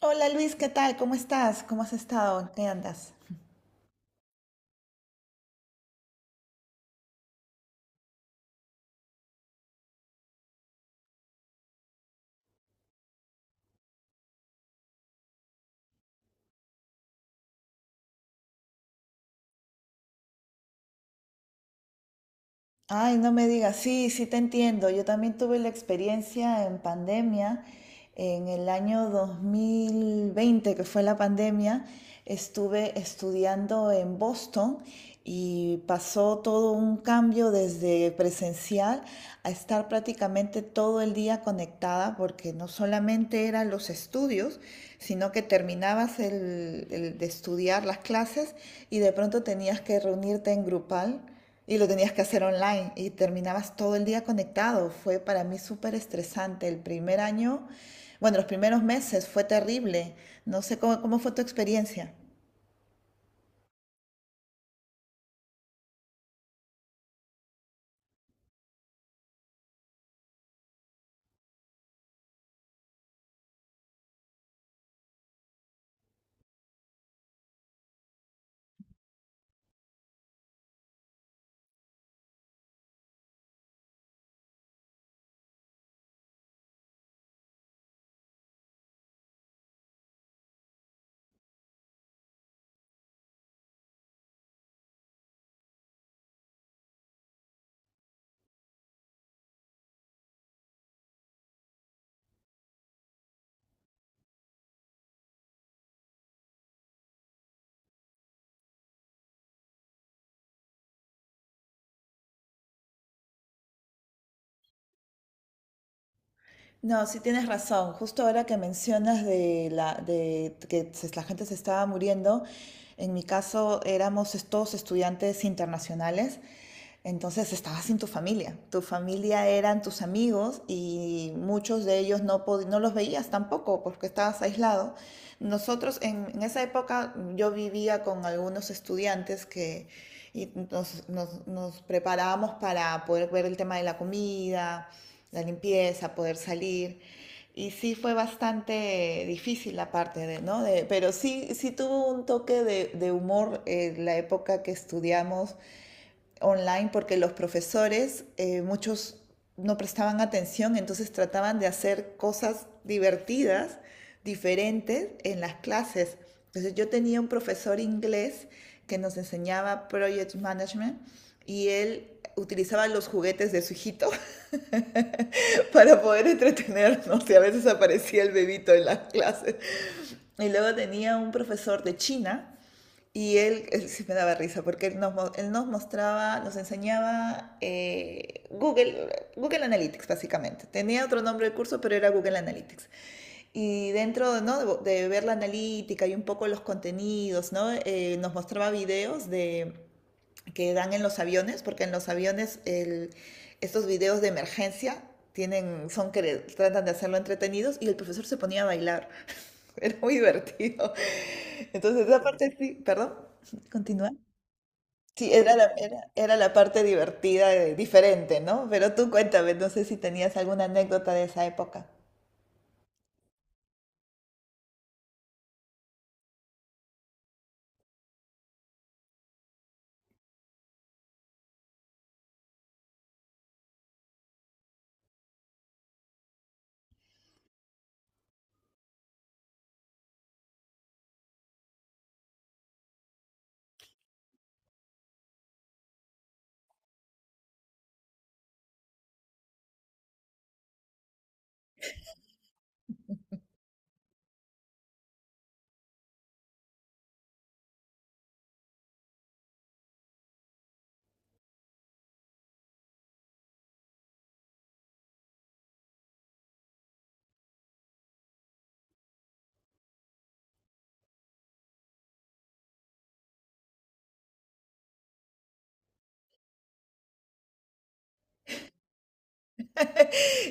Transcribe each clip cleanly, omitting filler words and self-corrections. Hola Luis, ¿qué tal? ¿Cómo estás? ¿Cómo has estado? ¿En ¿Qué andas? Ay, no me digas, sí, te entiendo. Yo también tuve la experiencia en pandemia, en el año 2020, que fue la pandemia, estuve estudiando en Boston y pasó todo un cambio desde presencial a estar prácticamente todo el día conectada, porque no solamente eran los estudios, sino que terminabas el de estudiar las clases y de pronto tenías que reunirte en grupal y lo tenías que hacer online y terminabas todo el día conectado. Fue para mí súper estresante. El primer año, bueno, los primeros meses fue terrible. No sé cómo fue tu experiencia. No, sí tienes razón. Justo ahora que mencionas de la de que se- la gente se estaba muriendo, en mi caso éramos es- todos estudiantes internacionales, entonces estabas sin tu familia. Tu familia eran tus amigos y muchos de ellos no pod- no los veías tampoco porque estabas aislado. Nosotros en esa época yo vivía con algunos estudiantes que y nos preparábamos para poder ver el tema de la comida, la limpieza, poder salir. Y sí fue bastante difícil la parte de, ¿no? De, pero sí, sí tuvo un toque de humor, la época que estudiamos online, porque los profesores, muchos no prestaban atención, entonces trataban de hacer cosas divertidas, diferentes en las clases. Entonces yo tenía un profesor inglés que nos enseñaba Project Management y él utilizaba los juguetes de su hijito para poder entretenernos y a veces aparecía el bebito en las clases. Y luego tenía un profesor de China y él sí me daba risa porque él nos mostraba, nos enseñaba Google, Google Analytics básicamente. Tenía otro nombre del curso, pero era Google Analytics. Y dentro, ¿no?, de ver la analítica y un poco los contenidos, ¿no? Nos mostraba videos de que dan en los aviones, porque en los aviones el- estos videos de emergencia tienen, son que tratan de hacerlo entretenidos y el profesor se ponía a bailar. Era muy divertido. Entonces, esa parte sí, perdón, continúa. Sí, era era la parte divertida, diferente, ¿no? Pero tú cuéntame, no sé si tenías alguna anécdota de esa época.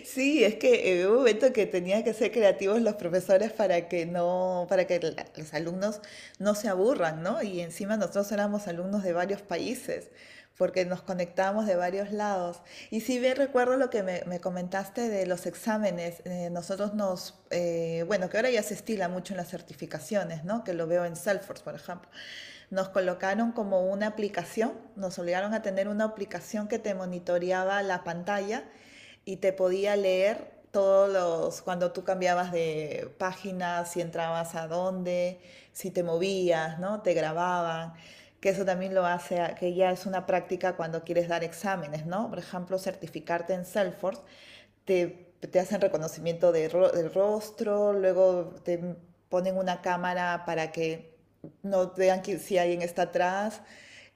Sí, es que hubo un momento que tenían que ser creativos los profesores para que no, para que la- los alumnos no se aburran, ¿no? Y encima nosotros éramos alumnos de varios países, porque nos conectábamos de varios lados. Y si bien recuerdo lo que me comentaste de los exámenes, nosotros nos, bueno, que ahora ya se estila mucho en las certificaciones, ¿no? Que lo veo en Salesforce, por ejemplo nos colocaron como una aplicación, nos obligaron a tener una aplicación que te monitoreaba la pantalla y te podía leer todos los, cuando tú cambiabas de página, si entrabas a dónde, si te movías, ¿no? Te grababan, que eso también lo hace, que ya es una práctica cuando quieres dar exámenes, ¿no? Por ejemplo, certificarte en Salesforce, te hacen reconocimiento de ro- del rostro, luego te ponen una cámara para que no vean que, si alguien está atrás,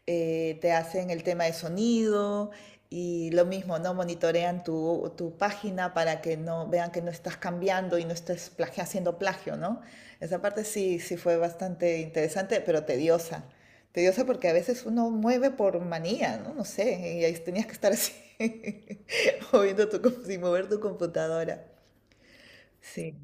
te hacen el tema de sonido y lo mismo, ¿no? Monitorean tu página para que no vean que no estás cambiando y no estés plagi- haciendo plagio, ¿no? Esa parte sí, sí fue bastante interesante, pero tediosa. Tediosa porque a veces uno mueve por manía, ¿no? No sé, y ahí tenías que estar así, moviendo tu, com- sin mover tu computadora. Sí,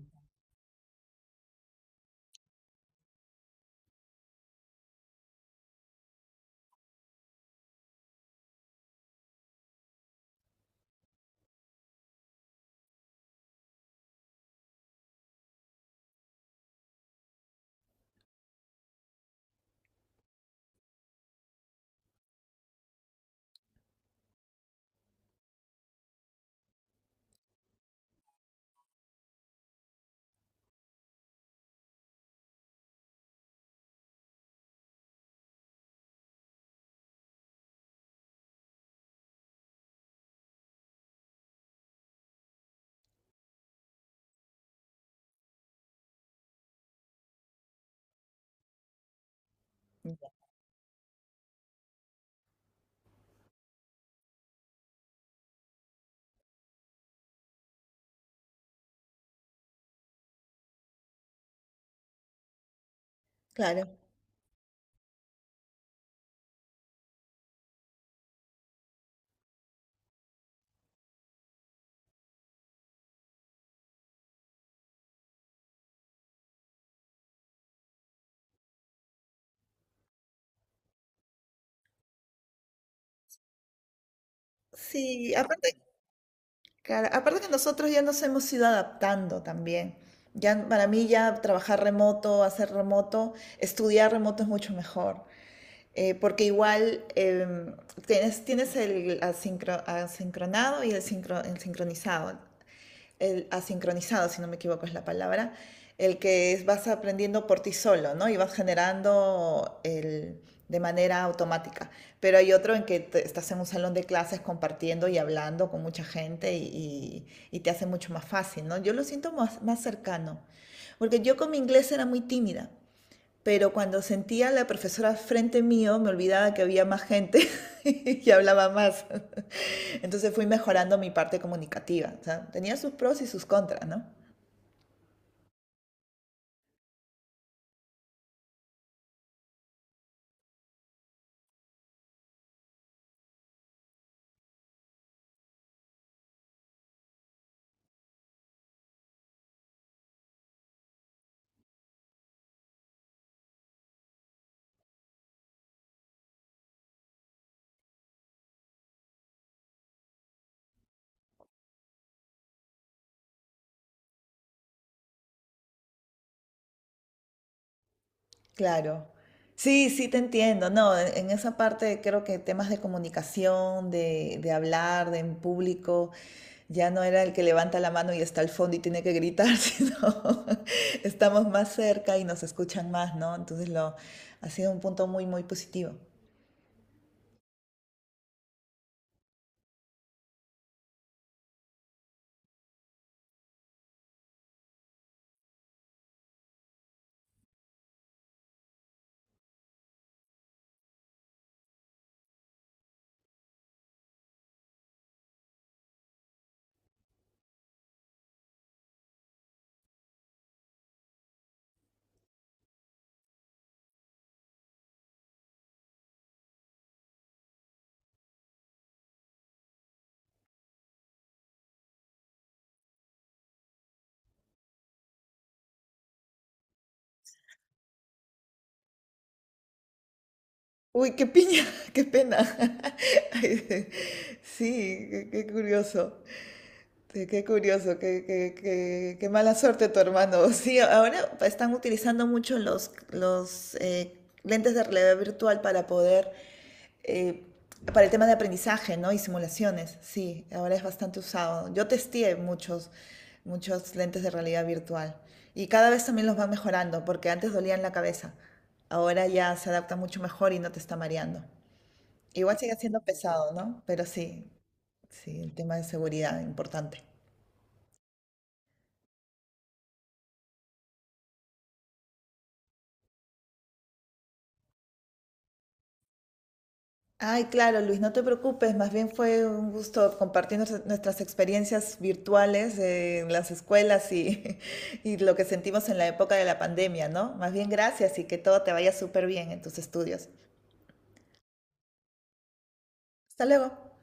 claro. Sí, aparte, claro, aparte que nosotros ya nos hemos ido adaptando también. Ya para mí ya trabajar remoto, hacer remoto, estudiar remoto es mucho mejor. Porque igual tienes, tienes el asincro- asincronado y el, sincro- el sincronizado. El asincronizado, si no me equivoco es la palabra, el que es- vas aprendiendo por ti solo, ¿no? Y vas generando el, de manera automática. Pero hay otro en que te- estás en un salón de clases compartiendo y hablando con mucha gente y te hace mucho más fácil, ¿no? Yo lo siento más cercano, porque yo con mi inglés era muy tímida pero cuando sentía a la profesora frente mío, me olvidaba que había más gente y hablaba más. Entonces fui mejorando mi parte comunicativa. O sea, tenía sus pros y sus contras, ¿no? Claro. Sí, sí, te entiendo. No, en esa parte creo que temas de comunicación, de hablar, de en público, ya no era el que levanta la mano y está al fondo y tiene que gritar, sino estamos más cerca y nos escuchan más, ¿no? Entonces lo, ha sido un punto muy, muy positivo. Uy, qué piña, qué pena. Ay, sí, qué curioso. Sí, qué curioso, qué mala suerte tu hermano. Sí, ahora están utilizando mucho los lentes de realidad virtual para poder, eh, para el tema de aprendizaje, ¿no? Y simulaciones, sí, ahora es bastante usado. Yo testé muchos, muchos lentes de realidad virtual y cada vez también los van mejorando porque antes dolían la cabeza. Ahora ya se adapta mucho mejor y no te está mareando. Igual sigue siendo pesado, ¿no? Pero sí, sí, el tema de seguridad importante. Ay, claro, Luis, no te preocupes, más bien fue un gusto compartir nuestra- nuestras experiencias virtuales en las escuelas y, y lo que sentimos en la época de la pandemia, ¿no? Más bien gracias y que todo te vaya súper bien en tus estudios. Hasta luego.